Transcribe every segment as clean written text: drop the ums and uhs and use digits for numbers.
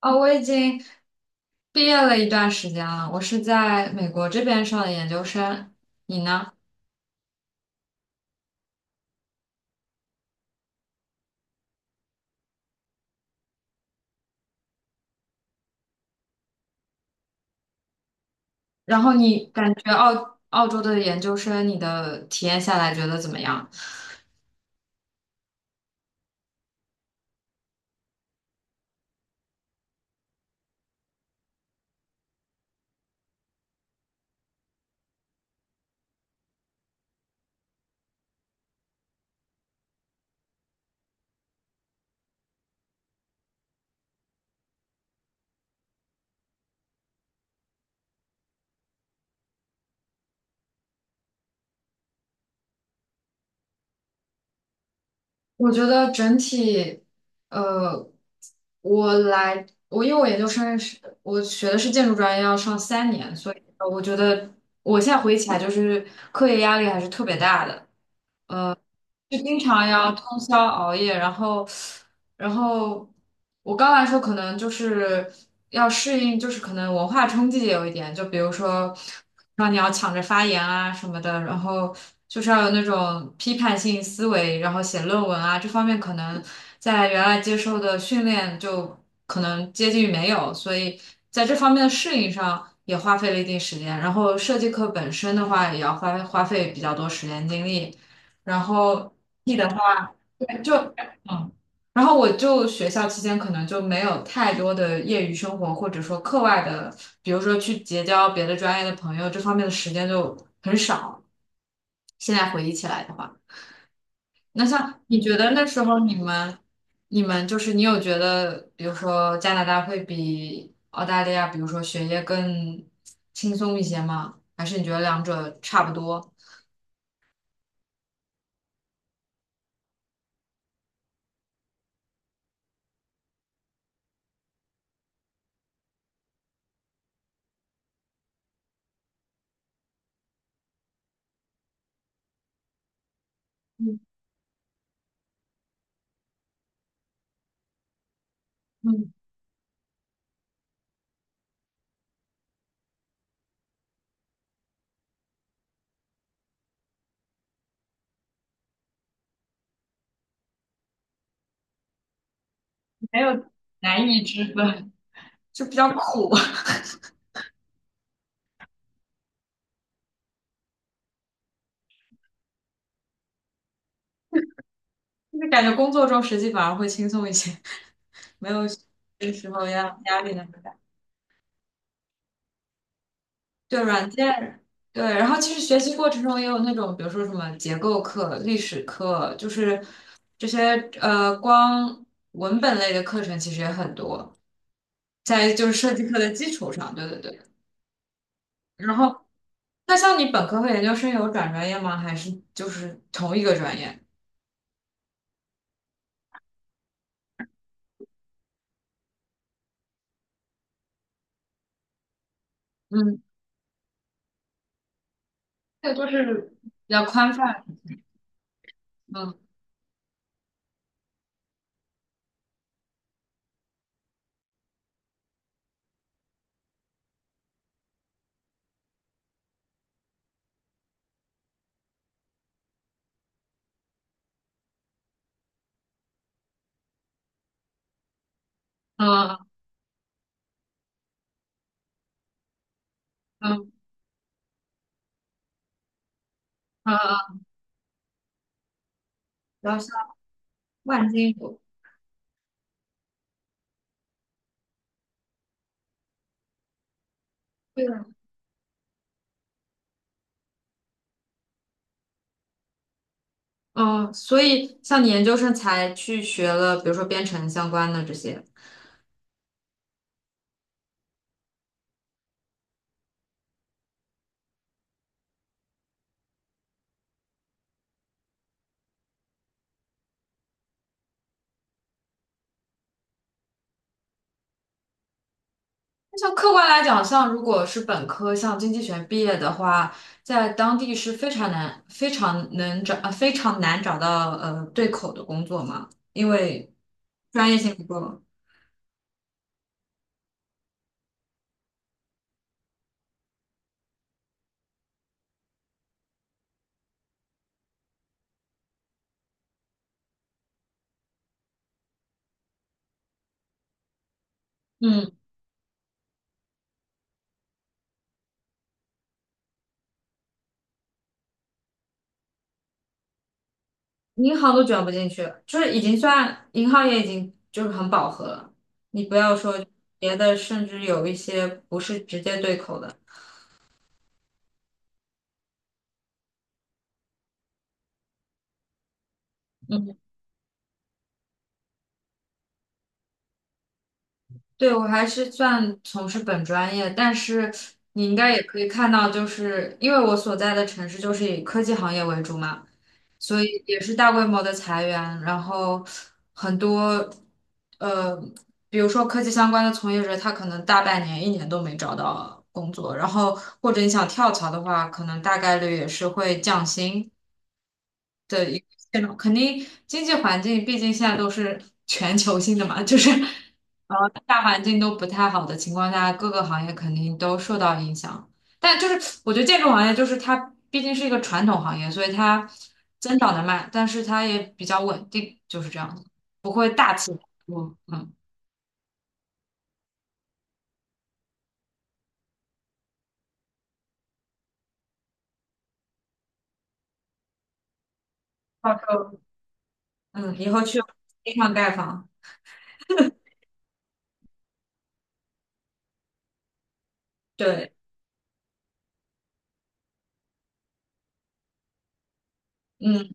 哦，我已经毕业了一段时间了，我是在美国这边上的研究生，你呢？然后你感觉澳洲的研究生，你的体验下来觉得怎么样？我觉得整体，呃，我因为我研究生是学的是建筑专业，要上三年，所以我觉得我现在回忆起来，就是课业压力还是特别大的。就经常要通宵熬夜，然后，然后我刚来说可能就是要适应，就是可能文化冲击也有一点，就比如说让你要抢着发言啊什么的，然后就是要有那种批判性思维，然后写论文啊这方面可能在原来接受的训练就可能接近于没有，所以在这方面的适应上也花费了一定时间，然后设计课本身的话也要花费比较多时间精力。然后 T 的话，对，就嗯，然后我就学校期间可能就没有太多的业余生活，或者说课外的，比如说去结交别的专业的朋友，这方面的时间就很少。现在回忆起来的话，那像你觉得那时候你们，你有觉得，比如说加拿大会比澳大利亚，比如说学业更轻松一些吗？还是你觉得两者差不多？嗯嗯，没有难易之分。就比较苦，就是感觉工作中实际反而会轻松一些，没有那时候压力那么大。对软件，对，然后其实学习过程中也有那种，比如说什么结构课、历史课，就是这些光文本类的课程其实也很多，在就是设计课的基础上，对对对。然后那像你本科和研究生有转专业吗？还是就是同一个专业？嗯，这个都是比较宽泛。嗯嗯嗯嗯，嗯，嗯然后。万金油。对的。哦，所以像你研究生才去学了，比如说编程相关的这些。那像客观来讲，像如果是本科，像经济学毕业的话，在当地是非常难、非常能找、非常难找到对口的工作嘛，因为专业性不够。嗯，银行都卷不进去，就是已经算银行也已经就是很饱和了。你不要说别的，甚至有一些不是直接对口的。嗯。对，我还是算从事本专业，但是你应该也可以看到，就是因为我所在的城市就是以科技行业为主嘛，所以也是大规模的裁员，然后很多呃，比如说科技相关的从业者，他可能大半年、一年都没找到工作，然后或者你想跳槽的话，可能大概率也是会降薪。的一个现状，肯定经济环境毕竟现在都是全球性的嘛，就是呃大环境都不太好的情况下，各个行业肯定都受到影响。但就是我觉得建筑行业就是它毕竟是一个传统行业，所以它增长的慢，但是它也比较稳定，就是这样子，不会大起大落。嗯，到时候嗯以后去地上盖房，对，嗯，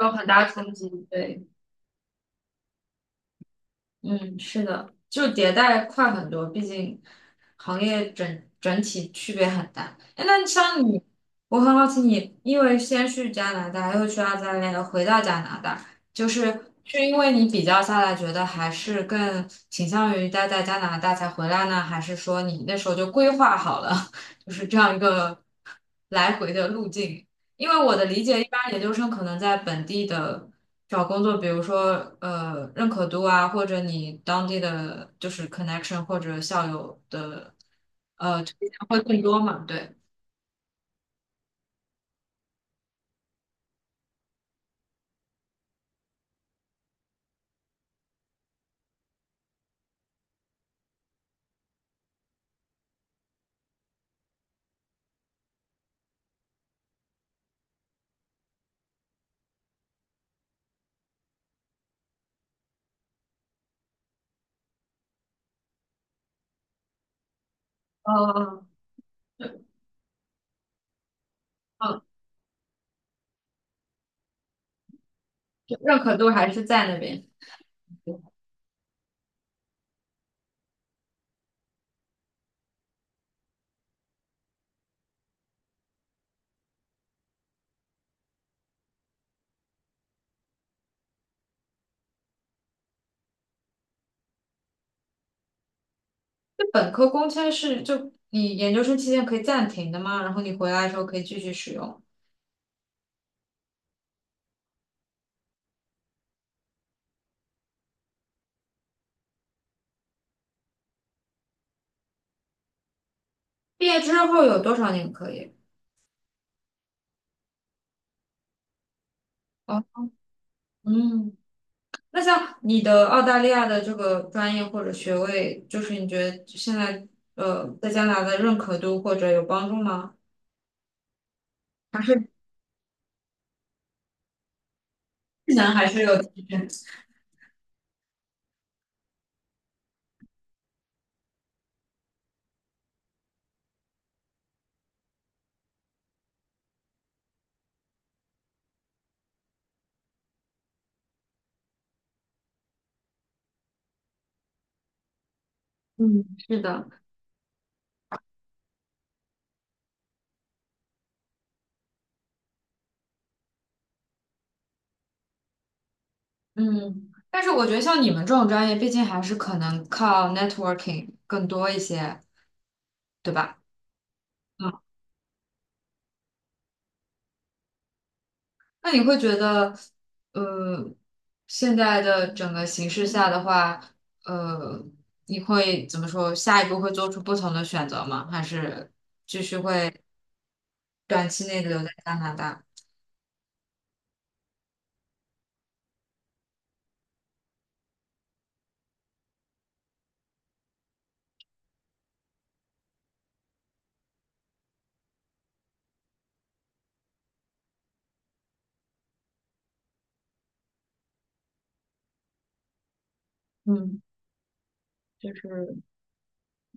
有很大冲击，对。嗯，是的，就迭代快很多，毕竟行业整体区别很大。哎，那像你，我很好奇你，因为先去加拿大，又去澳大利亚，又回到加拿大，就是是因为你比较下来，觉得还是更倾向于待在加拿大才回来呢，还是说你那时候就规划好了，就是这样一个来回的路径？因为我的理解，一般研究生可能在本地的。找工作，比如说认可度啊，或者你当地的就是 connection 或者校友的推荐会更多嘛？对，呃，对嗯，就认可度还是在那边。就本科工签是就你研究生期间可以暂停的吗？然后你回来的时候可以继续使用。毕业之后有多少年可以？哦，嗯，那像你的澳大利亚的这个专业或者学位，就是你觉得现在在加拿大的认可度或者有帮助吗？还是？技能还是有提升。嗯，是的，嗯，但是我觉得像你们这种专业，毕竟还是可能靠 networking 更多一些，对吧？嗯，那你会觉得，呃，现在的整个形势下的话，呃，你会怎么说？下一步会做出不同的选择吗？还是短期内留在加拿大？嗯，就是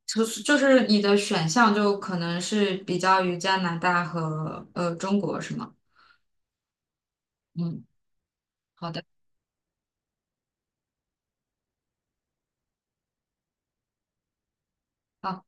就是你的选项就可能是比较于加拿大和中国，是吗？嗯，好的。好，